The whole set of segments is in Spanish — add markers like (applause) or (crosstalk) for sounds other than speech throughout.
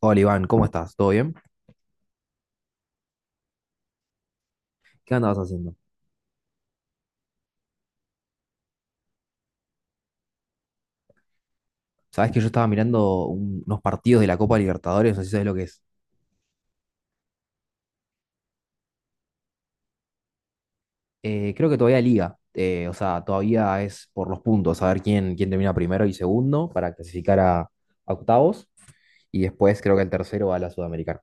Hola Iván, ¿cómo estás? ¿Todo bien? ¿Qué andabas haciendo? Sabes que yo estaba mirando unos partidos de la Copa Libertadores, no sé si sabes lo que es. Creo que todavía liga, o sea, todavía es por los puntos, a ver quién termina primero y segundo para clasificar a octavos y después creo que el tercero va a la Sudamericana.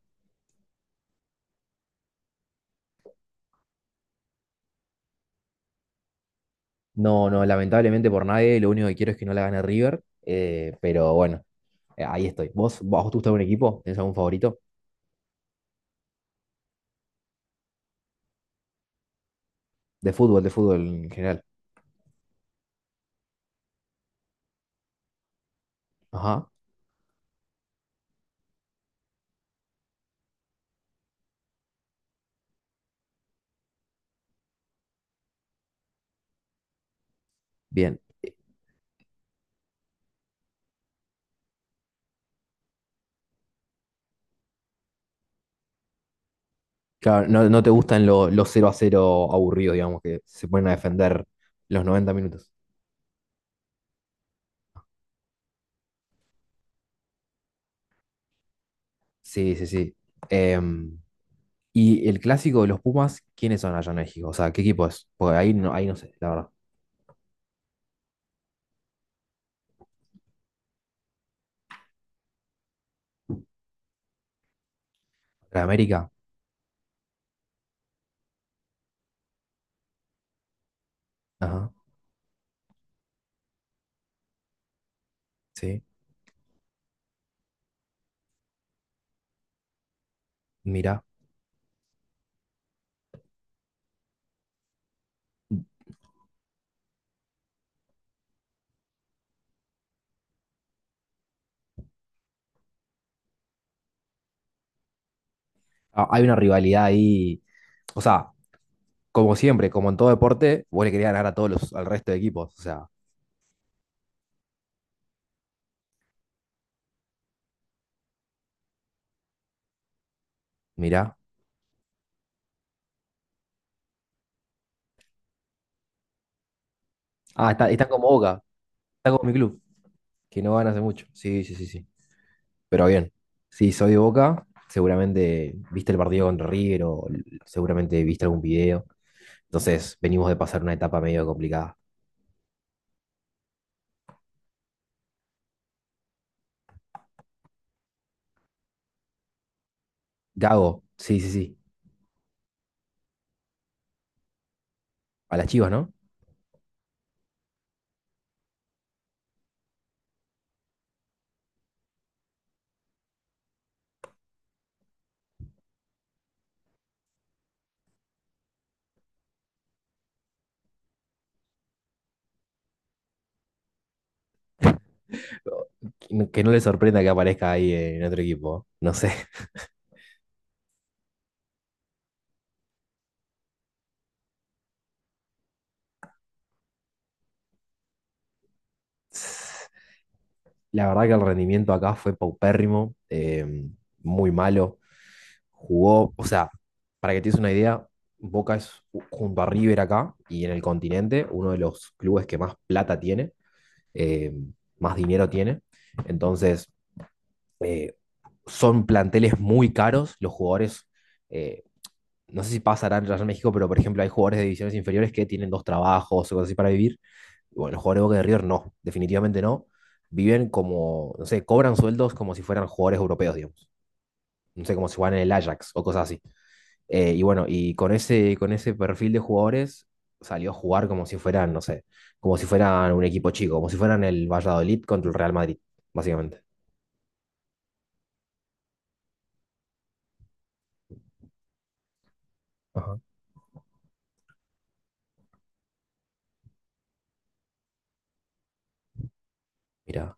No, no, lamentablemente por nadie, lo único que quiero es que no la gane River, pero bueno, ahí estoy. ¿Vos te gusta algún equipo? ¿Tenés algún favorito? De fútbol en general. Ajá, bien. Claro, no te gustan los 0-0 aburridos, digamos, que se ponen a defender los 90 minutos. Sí, sí, sí. Em, y el clásico de los Pumas, ¿quiénes son allá en México? O sea, ¿qué equipo es? Porque ahí no sé, la verdad. ¿La de América? Ajá, sí, mira. Ah, hay una rivalidad ahí. O sea, como siempre, como en todo deporte, vos le querías ganar al resto de equipos. O sea, mira. Ah, está como Boca, está como mi club, que no gana hace mucho. Sí, sí, sí, sí. Pero bien, si soy de Boca, seguramente viste el partido contra River o seguramente viste algún video. Entonces, venimos de pasar una etapa medio complicada. Gago, sí, sí, sí. A las Chivas, ¿no? Que no le sorprenda que aparezca ahí en otro equipo. ¿Eh? No sé. (laughs) La verdad que el rendimiento acá fue paupérrimo, muy malo. Jugó, o sea, para que te des una idea, Boca es junto a River acá y en el continente uno de los clubes que más plata tiene. eh, más dinero tiene. Entonces, eh, son planteles muy caros, los jugadores, eh, no sé si pasará en Real México, pero por ejemplo hay jugadores de divisiones inferiores que tienen dos trabajos o cosas así para vivir. Y bueno, los jugadores de Boca de River no, definitivamente no. Viven como, no sé, cobran sueldos como si fueran jugadores europeos, digamos. No sé, como si fueran en el Ajax o cosas así. Y bueno, y con ese perfil de jugadores salió a jugar como si fueran, no sé, como si fueran un equipo chico, como si fueran el Valladolid contra el Real Madrid, básicamente. Ajá, mira,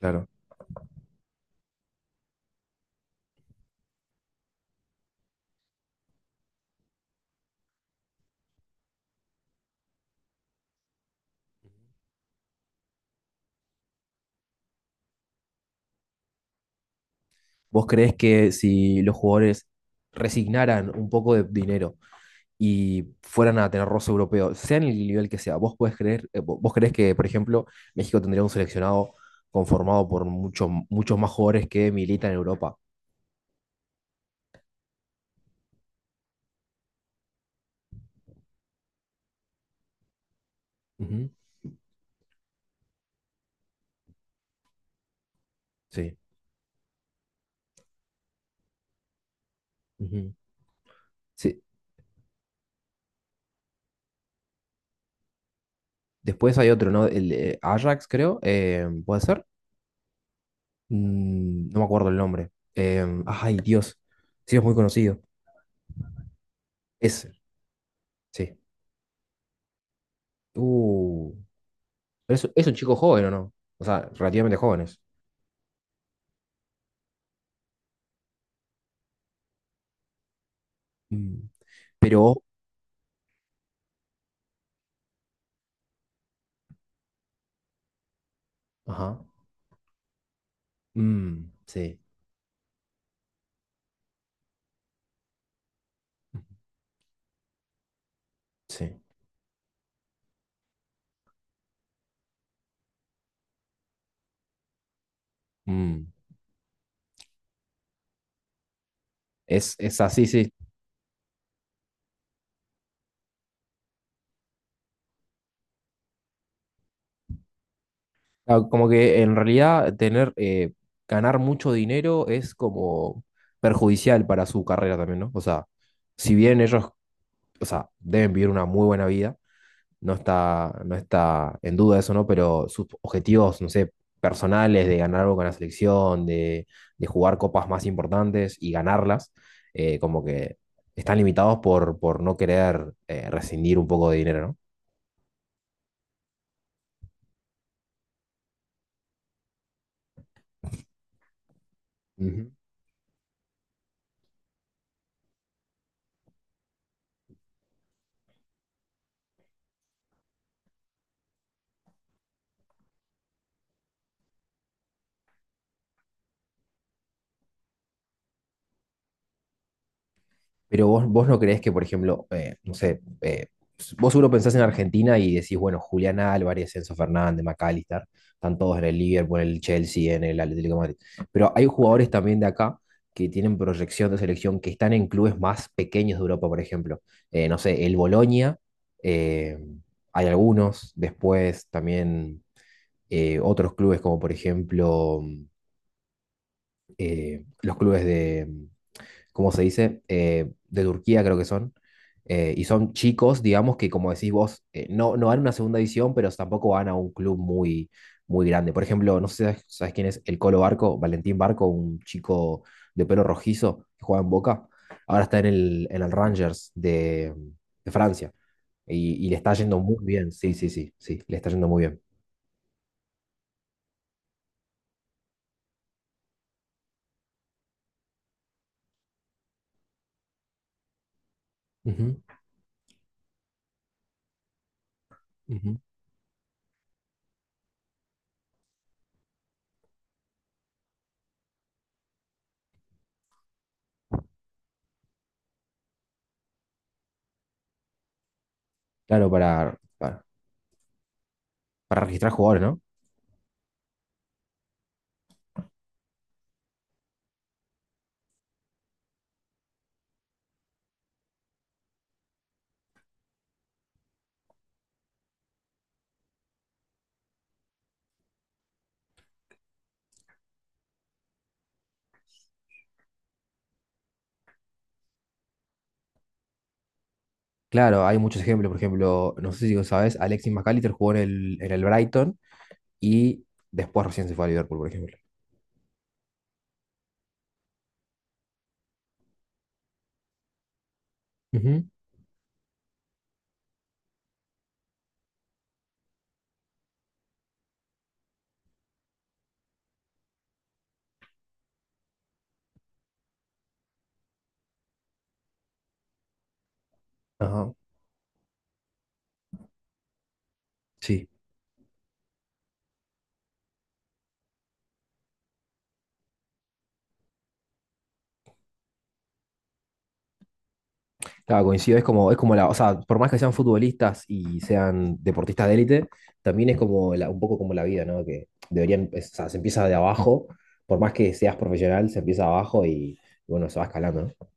claro. ¿Vos creés que si los jugadores resignaran un poco de dinero y fueran a tener roce europeo, sea en el nivel que sea, vos podés creer, vos creés que, por ejemplo, México tendría un seleccionado conformado por muchos muchos más jugadores que militan en Europa? Ujú, sí. Ujú. Sí, después hay otro, ¿no? El Ajax, creo. ¿Puede ser? No me acuerdo el nombre. Ay, Dios. Sí, es muy conocido. Ese, sí. Uh, pero es un chico joven, ¿o no? O sea, relativamente jóvenes. Mm, pero, ajá. Mm, sí, sí. mm, es así, sí. Ah, como que en realidad tener, ganar mucho dinero es como perjudicial para su carrera también, ¿no? O sea, si bien ellos o sea, deben vivir una muy buena vida, no está en duda eso, ¿no? Pero sus objetivos, no sé, personales de ganar algo con la selección, de jugar copas más importantes y ganarlas, como que están limitados por no querer rescindir un poco de dinero, ¿no? Ujú. Pero vos no creés que, por ejemplo, no sé, vos seguro pensás en Argentina y decís, bueno, Julián Álvarez, Enzo Fernández, McAllister, están todos en el Liverpool, en el Chelsea, en el Atlético de Madrid. Pero hay jugadores también de acá que tienen proyección de selección, que están en clubes más pequeños de Europa, por ejemplo. No sé, el Bolonia, eh, hay algunos, después también otros clubes como, por ejemplo, los clubes de como se dice, de Turquía creo que son. Y son chicos, digamos, que como decís vos, no, no van a una segunda división, pero tampoco van a un club muy, muy grande. Por ejemplo, no sé si sabes, sabes quién es el Colo Barco, Valentín Barco, un chico de pelo rojizo que juega en Boca. Ahora está en el Rangers de Francia y le está yendo muy bien. Sí, sí, sí, sí, le está yendo muy bien. Ujú. Ujú. Claro, para registrar jugadores, no. Claro, hay muchos ejemplos. Por ejemplo, no sé si lo sabes, Alexis Mac Allister jugó en el Brighton y después recién se fue a Liverpool, por ejemplo. Ujú. Ajá. Sí. Claro, coincido. Es como, o sea, por más que sean futbolistas y sean deportistas de élite, también es como un poco como la vida, ¿no? Que deberían, o sea, se empieza de abajo. Por más que seas profesional, se empieza abajo y bueno, se va escalando, ¿no?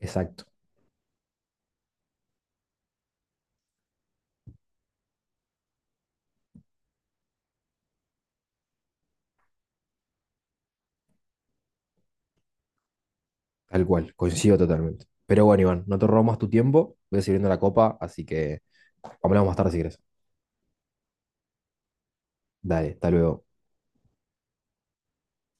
Exacto. Tal cual, coincido totalmente. Pero bueno, Iván, no te robo más tu tiempo. Voy a seguir viendo la copa, así que hablamos más tarde si quieres. Dale, hasta luego.